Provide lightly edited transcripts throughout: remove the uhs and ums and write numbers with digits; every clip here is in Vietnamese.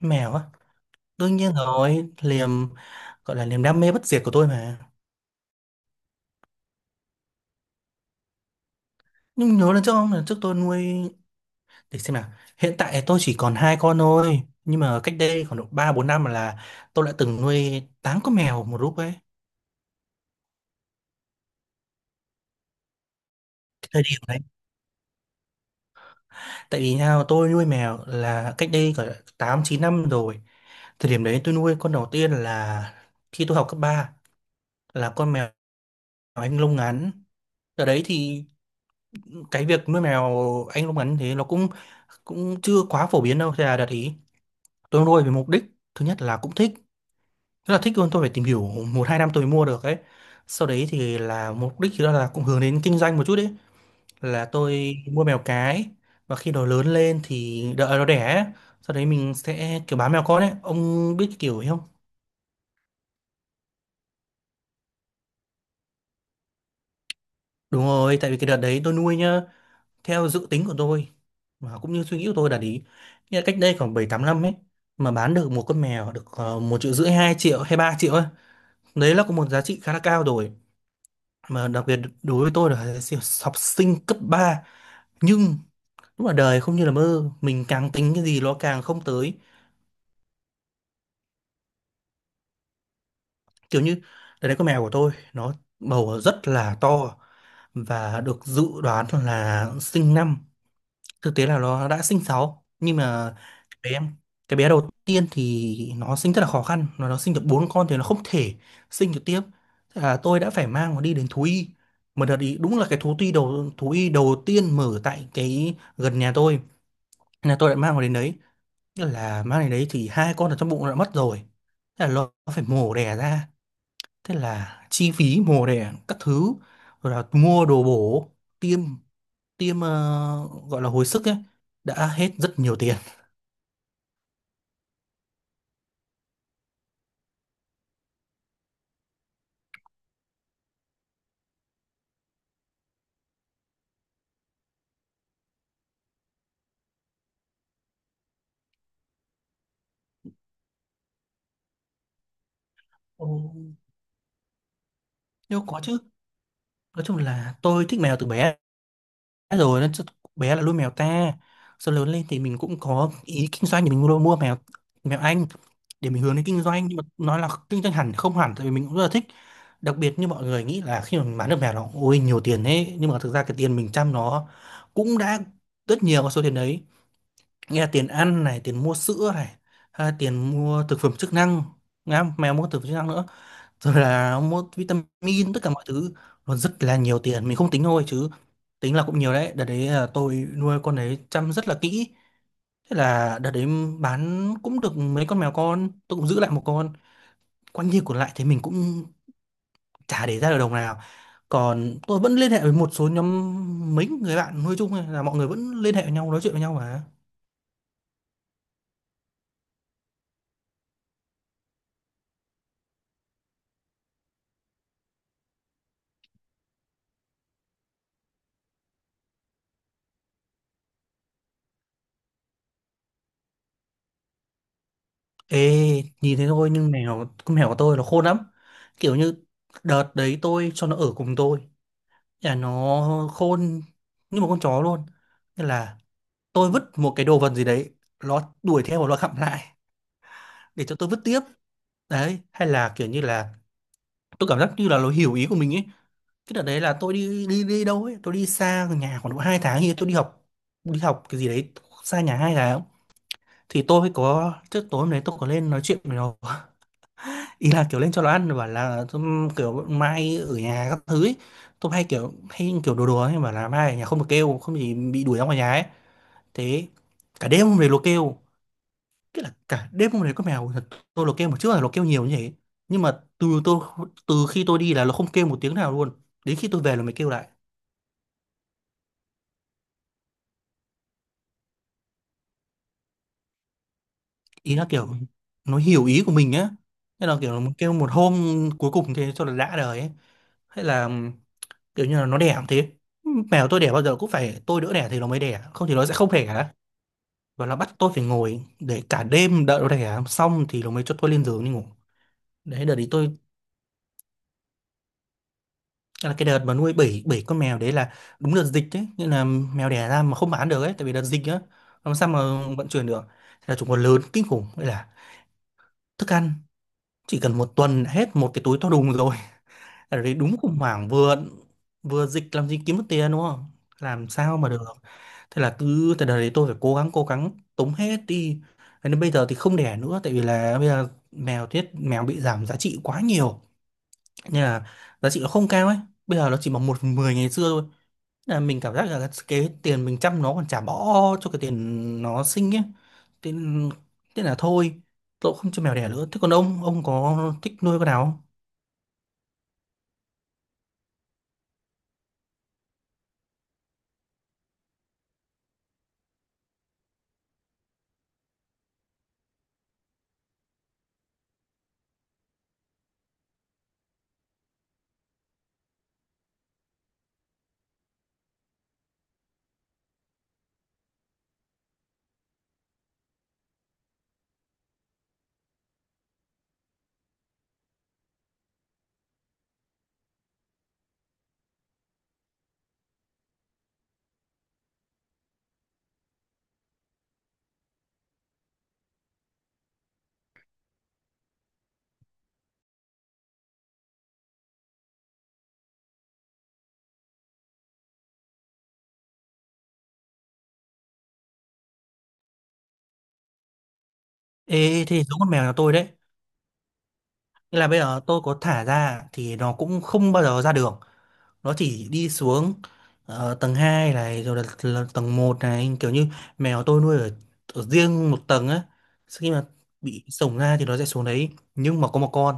Mèo á, đương nhiên rồi, gọi là niềm đam mê bất diệt của tôi mà. Nhưng nhớ lần trước không là trước tôi nuôi để xem nào. Hiện tại tôi chỉ còn hai con thôi, nhưng mà cách đây khoảng độ 3 4 năm là tôi đã từng nuôi 8 con mèo một lúc ấy. Cái thời điểm đấy, tại vì nào tôi nuôi mèo là cách đây khoảng 8 9 năm rồi. Thời điểm đấy tôi nuôi con đầu tiên là khi tôi học cấp 3, là con mèo Anh lông ngắn. Ở đấy thì cái việc nuôi mèo Anh lông ngắn thế nó cũng cũng chưa quá phổ biến đâu, thế là đạt ý tôi nuôi vì mục đích thứ nhất là cũng thích, rất là thích luôn. Tôi phải tìm hiểu 1 2 năm tôi mới mua được ấy. Sau đấy thì là mục đích đó là cũng hướng đến kinh doanh một chút ấy, là tôi mua mèo cái và khi nó lớn lên thì đợi nó đẻ ấy. Sau đấy mình sẽ kiểu bán mèo con ấy, ông biết cái kiểu ấy không? Đúng rồi, tại vì cái đợt đấy tôi nuôi nhá, theo dự tính của tôi và cũng như suy nghĩ của tôi là ý nghĩa là cách đây khoảng 7 8 năm ấy mà bán được một con mèo được 1 triệu rưỡi, 2 triệu hay 3 triệu ấy. Đấy là có một giá trị khá là cao rồi, mà đặc biệt đối với tôi là học sinh cấp ba. Nhưng lúc là đời không như là mơ, mình càng tính cái gì nó càng không tới. Kiểu như đấy là con mèo của tôi nó bầu rất là to và được dự đoán là sinh năm, thực tế là nó đã sinh sáu. Nhưng mà bé em, cái bé đầu tiên thì nó sinh rất là khó khăn, nó sinh được bốn con thì nó không thể sinh được tiếp. Thế là tôi đã phải mang nó đi đến thú y một đợt ý. Đúng là cái thú y đầu tiên mở tại cái gần nhà tôi. Thế là tôi đã mang nó đến đấy. Thế là mang đến đấy thì hai con ở trong bụng nó đã mất rồi, thế là nó phải mổ đẻ ra. Thế là chi phí mổ đẻ các thứ, rồi là mua đồ bổ, tiêm, tiêm ờ, gọi là hồi sức ấy, đã hết rất nhiều tiền. Ồ. Nhưng có chứ, nói chung là tôi thích mèo từ bé rồi nên bé là nuôi mèo ta, sau lớn lên thì mình cũng có ý kinh doanh thì mình mua mua mèo, mèo Anh, để mình hướng đến kinh doanh. Nhưng mà nói là kinh doanh hẳn thì không hẳn, tại vì mình cũng rất là thích. Đặc biệt như mọi người nghĩ là khi mà mình bán được mèo nó ôi nhiều tiền, thế nhưng mà thực ra cái tiền mình chăm nó cũng đã rất nhiều vào số tiền đấy, nghĩa là tiền ăn này, tiền mua sữa này, hay là tiền mua thực phẩm chức năng. Nghe không? Mèo mua thực phẩm chức năng nữa, rồi là mua vitamin tất cả mọi thứ. Nó rất là nhiều tiền, mình không tính thôi chứ tính là cũng nhiều đấy. Đợt đấy là tôi nuôi con đấy chăm rất là kỹ. Thế là đợt đấy bán cũng được mấy con mèo con, tôi cũng giữ lại một con, quan nhiên còn lại thì mình cũng chả để ra được đồng nào. Còn tôi vẫn liên hệ với một số nhóm, mấy người bạn nuôi chung ấy, là mọi người vẫn liên hệ với nhau, nói chuyện với nhau mà. Ê, nhìn thế thôi nhưng mèo, con mèo của tôi nó khôn lắm. Kiểu như đợt đấy tôi cho nó ở cùng tôi. Nhà nó khôn như một con chó luôn. Nên là tôi vứt một cái đồ vật gì đấy, nó đuổi theo và nó gặm lại để cho tôi vứt tiếp. Đấy, hay là kiểu như là tôi cảm giác như là nó hiểu ý của mình ấy. Cái đợt đấy là tôi đi đi đi đâu ấy, tôi đi xa nhà khoảng độ 2 tháng thì tôi đi học, đi học cái gì đấy xa nhà 2 tháng. Thì tôi có trước tối hôm đấy, tôi có lên nói chuyện với nó, ý là kiểu lên cho nó ăn, bảo là kiểu mai ở nhà các thứ ấy". Tôi hay kiểu, đùa đùa ấy, bảo là mai ở nhà không được kêu, không thì bị đuổi ra ngoài nhà ấy. Thế cả đêm hôm đấy nó kêu, tức là cả đêm hôm đấy con mèo, thật, tôi nó kêu một, trước là nó kêu nhiều như thế, nhưng mà từ tôi, từ khi tôi đi là nó không kêu một tiếng nào luôn, đến khi tôi về là mới kêu lại. Ý là kiểu nó hiểu ý của mình á. Thế là kiểu nó kêu một hôm cuối cùng thế cho là đã đời ấy. Hay là kiểu như là nó đẻ cũng thế, mèo tôi đẻ bao giờ cũng phải tôi đỡ đẻ thì nó mới đẻ, không thì nó sẽ không đẻ, và nó bắt tôi phải ngồi để cả đêm đợi nó đẻ xong thì nó mới cho tôi lên giường đi ngủ. Đấy, đợt đấy tôi là cái đợt mà nuôi bảy bảy con mèo đấy, là đúng đợt dịch đấy nên là mèo đẻ ra mà không bán được ấy, tại vì đợt dịch á, làm sao mà vận chuyển được. Thế là chúng còn lớn kinh khủng, vậy là thức ăn chỉ cần một tuần đã hết một cái túi to đùng rồi. Ở đấy đúng khủng hoảng, vừa vừa dịch làm gì kiếm được tiền, đúng không, làm sao mà được. Thế là cứ từ đời đấy tôi phải cố gắng, cố gắng tống hết đi. Thế nên bây giờ thì không đẻ nữa, tại vì là bây giờ mèo, mèo bị giảm giá trị quá nhiều nên là giá trị nó không cao ấy. Bây giờ nó chỉ bằng một phần mười ngày xưa thôi. Thế là mình cảm giác là cái tiền mình chăm nó còn chả bỏ cho cái tiền nó sinh ấy. Thế, thế là thôi, tôi cũng không cho mèo đẻ nữa. Thế còn ông có thích nuôi con nào không? Ê, thế giống con mèo nhà tôi đấy. Nên là bây giờ tôi có thả ra thì nó cũng không bao giờ ra đường. Nó chỉ đi xuống, ờ, tầng 2 này, rồi là tầng 1 này, kiểu như mèo tôi nuôi ở, ở riêng một tầng á. Sau khi mà bị sổng ra thì nó sẽ xuống đấy. Nhưng mà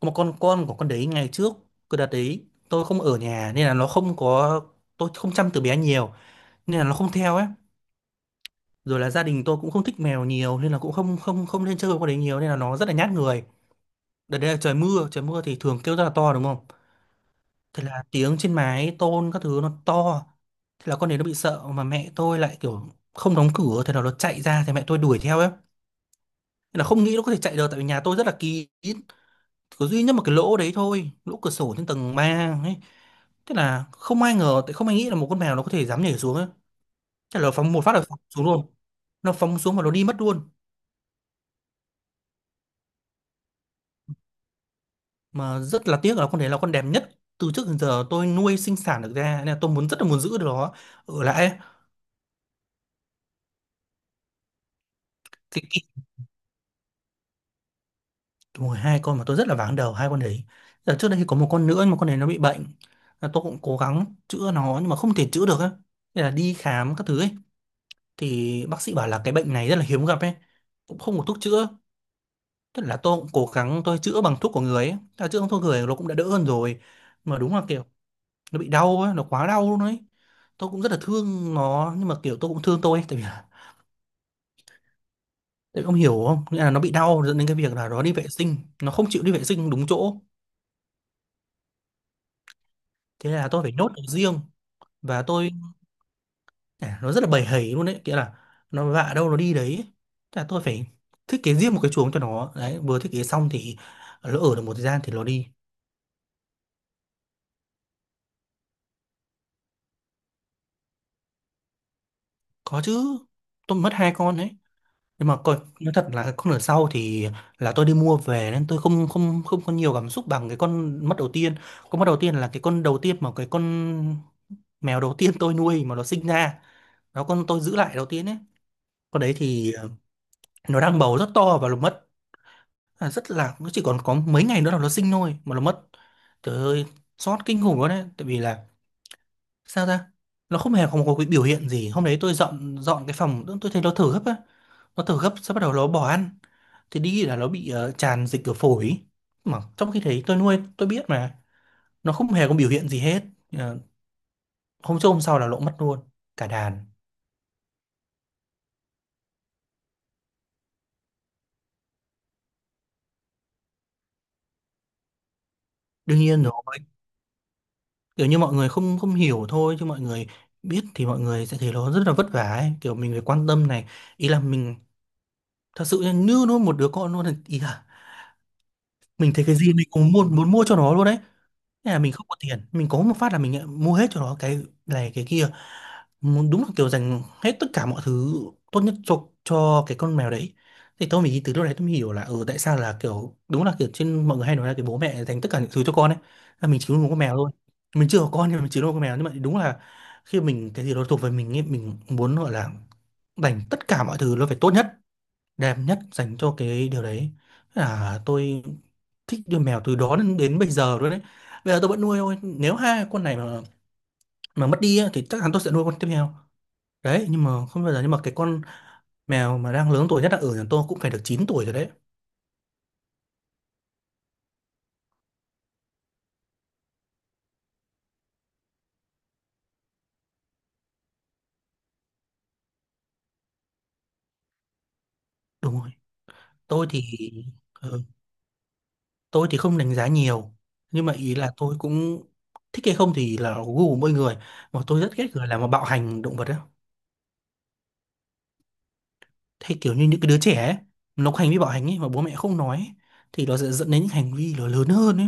có một con của con đấy ngày trước cứ đặt đấy, tôi không ở nhà nên là nó không có, tôi không chăm từ bé nhiều nên là nó không theo ấy. Rồi là gia đình tôi cũng không thích mèo nhiều nên là cũng không không không nên chơi với con đấy nhiều nên là nó rất là nhát người. Đợt đấy là trời mưa thì thường kêu rất là to đúng không? Thế là tiếng trên mái tôn các thứ nó to. Thế là con đấy nó bị sợ, mà mẹ tôi lại kiểu không đóng cửa, thế là nó chạy ra thì mẹ tôi đuổi theo ấy. Thế là không nghĩ nó có thể chạy được tại vì nhà tôi rất là kín. Có duy nhất một cái lỗ đấy thôi, lỗ cửa sổ trên tầng 3, ấy. Thế là không ai ngờ, tại không ai nghĩ là một con mèo nó có thể dám nhảy xuống ấy. Thế là nó phóng một phát là phóng xuống luôn. Nó phóng xuống và nó đi mất luôn. Mà rất là tiếc là con đấy là con đẹp nhất từ trước đến giờ tôi nuôi sinh sản được ra, nên là tôi muốn, rất là muốn giữ được nó ở lại ấy. Cái đúng rồi, hai con mà tôi rất là váng đầu hai con đấy. Giờ trước đây thì có một con nữa nhưng mà con đấy nó bị bệnh, là tôi cũng cố gắng chữa nó nhưng mà không thể chữa được á, nên là đi khám các thứ ấy thì bác sĩ bảo là cái bệnh này rất là hiếm gặp ấy, cũng không có thuốc chữa. Tức là tôi cũng cố gắng tôi chữa bằng thuốc của người ấy, chữa bằng thuốc người nó cũng đã đỡ hơn rồi, mà đúng là kiểu nó bị đau ấy, nó quá đau luôn ấy. Tôi cũng rất là thương nó nhưng mà kiểu tôi cũng thương tôi ấy, tại vì là, tại vì ông hiểu không, nghĩa là nó bị đau dẫn đến cái việc là nó đi vệ sinh, nó không chịu đi vệ sinh đúng chỗ. Thế là tôi phải nhốt nó riêng và nó rất là bầy hầy luôn đấy, nghĩa là nó vạ đâu nó đi đấy. Thế là tôi phải thiết kế riêng một cái chuồng cho nó đấy, vừa thiết kế xong thì lỡ ở được một thời gian thì nó đi. Có chứ, tôi mất hai con đấy, nhưng mà coi nói thật là con ở sau thì là tôi đi mua về nên tôi không không không có nhiều cảm xúc bằng cái con mất đầu tiên. Con mất đầu tiên là cái con đầu tiên, mà cái con mèo đầu tiên tôi nuôi mà nó sinh ra đó, con tôi giữ lại đầu tiên ấy. Con đấy thì nó đang bầu rất to và nó mất. À, rất là, nó chỉ còn có mấy ngày nữa là nó sinh thôi mà nó mất. Trời ơi, xót kinh khủng luôn đấy, tại vì là sao ra nó không hề có một cái biểu hiện gì. Hôm đấy tôi dọn dọn cái phòng, tôi thấy nó thở gấp á, nó thở gấp sau bắt đầu nó bỏ ăn, thì đi là nó bị tràn dịch ở phổi ý. Mà trong khi đấy tôi nuôi tôi biết mà, nó không hề có biểu hiện gì hết. Ờ, Hôm trước hôm sau là lỗ mất luôn cả đàn. Đương nhiên rồi, kiểu như mọi người không không hiểu thôi, chứ mọi người biết thì mọi người sẽ thấy nó rất là vất vả ấy. Kiểu mình phải quan tâm này, ý là mình thật sự như nuôi một đứa con luôn ấy. Ý là mình thấy cái gì mình cũng muốn muốn mua cho nó luôn đấy. Thế là mình không có tiền, mình có một phát là mình lại mua hết cho nó cái này cái kia, muốn đúng là kiểu dành hết tất cả mọi thứ tốt nhất cho cái con mèo đấy. Thì tôi mình từ lúc đấy tôi mới hiểu là ừ, tại sao là kiểu đúng là kiểu trên mọi người hay nói là cái bố mẹ dành tất cả những thứ cho con ấy. Là mình chỉ nuôi một con mèo thôi, mình chưa có con, nhưng mình chỉ nuôi một con mèo nhưng mà đúng là khi mình cái gì đó thuộc về mình ấy, mình muốn gọi là dành tất cả mọi thứ, nó phải tốt nhất, đẹp nhất dành cho cái điều đấy. Thế là tôi thích nuôi mèo từ đó đến, bây giờ luôn đấy. Bây giờ tôi vẫn nuôi thôi, nếu hai con này mà mất đi á thì chắc chắn tôi sẽ nuôi con tiếp theo đấy. Nhưng mà không bao giờ, nhưng mà cái con mèo mà đang lớn tuổi nhất là ở nhà tôi cũng phải được chín tuổi rồi đấy. Đúng rồi. Tôi thì, ừ, tôi thì không đánh giá nhiều, nhưng mà ý là tôi cũng thích hay không thì là gu của mỗi người. Mà tôi rất ghét người làm mà bạo hành động vật ấy. Thế kiểu như những cái đứa trẻ ấy, nó có hành vi bạo hành ấy mà bố mẹ không nói ấy, thì nó sẽ dẫn đến những hành vi nó lớn hơn ấy.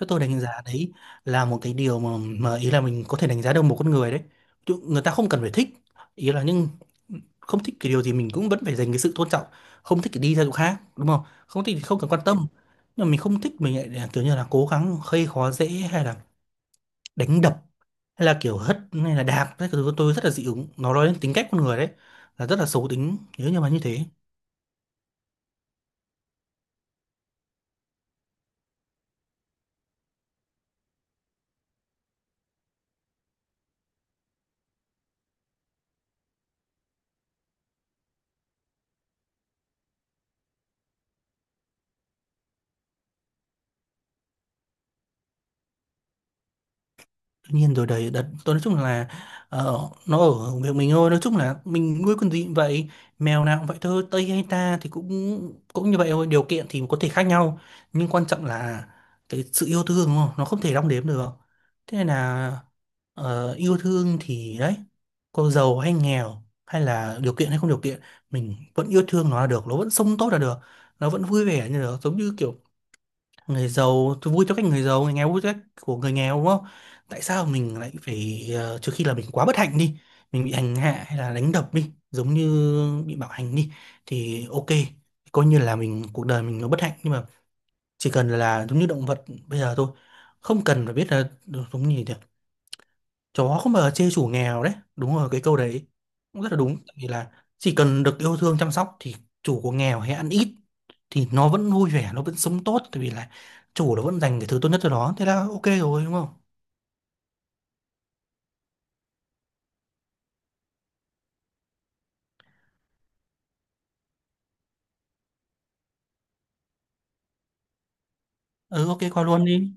Thế tôi đánh giá đấy là một cái điều mà ý là mình có thể đánh giá được một con người đấy. Chứ người ta không cần phải thích, ý là nhưng không thích cái điều gì mình cũng vẫn phải dành cái sự tôn trọng, không thích thì đi theo chỗ khác, đúng không? Không thích thì không cần quan tâm. Nhưng mà mình không thích mình lại kiểu như là cố gắng gây khó dễ, hay là đánh đập, hay là kiểu hất, hay là đạp, cái thứ tôi rất là dị ứng, nó nói đến tính cách con người đấy là rất là xấu tính nếu như mà như thế. Tuy nhiên rồi đấy, đợt tôi nói chung là, ờ, nó ở việc mình thôi. Nói chung là mình nuôi con gì cũng vậy, mèo nào cũng vậy thôi, Tây hay ta thì cũng cũng như vậy thôi, điều kiện thì có thể khác nhau nhưng quan trọng là cái sự yêu thương, đúng không? Nó không thể đong đếm được. Thế nên là yêu thương thì đấy, có giàu hay nghèo hay là điều kiện hay không điều kiện, mình vẫn yêu thương nó là được, nó vẫn sống tốt là được, nó vẫn vui vẻ như được, giống như kiểu người giàu tôi vui cho cách người giàu, người nghèo vui cho cách của người nghèo, đúng không? Tại sao mình lại phải trừ khi là mình quá bất hạnh đi, mình bị hành hạ hay là đánh đập đi, giống như bị bạo hành đi, thì ok, coi như là mình cuộc đời mình nó bất hạnh. Nhưng mà chỉ cần là giống như động vật bây giờ thôi, không cần phải biết là, giống như chó không bao giờ chê chủ nghèo đấy, đúng rồi, cái câu đấy cũng rất là đúng. Tại vì là chỉ cần được yêu thương chăm sóc thì chủ có nghèo hay ăn ít thì nó vẫn vui vẻ, nó vẫn sống tốt, tại vì là chủ nó vẫn dành cái thứ tốt nhất cho nó, thế là ok rồi, đúng không? Ừ, ok, qua luôn đi.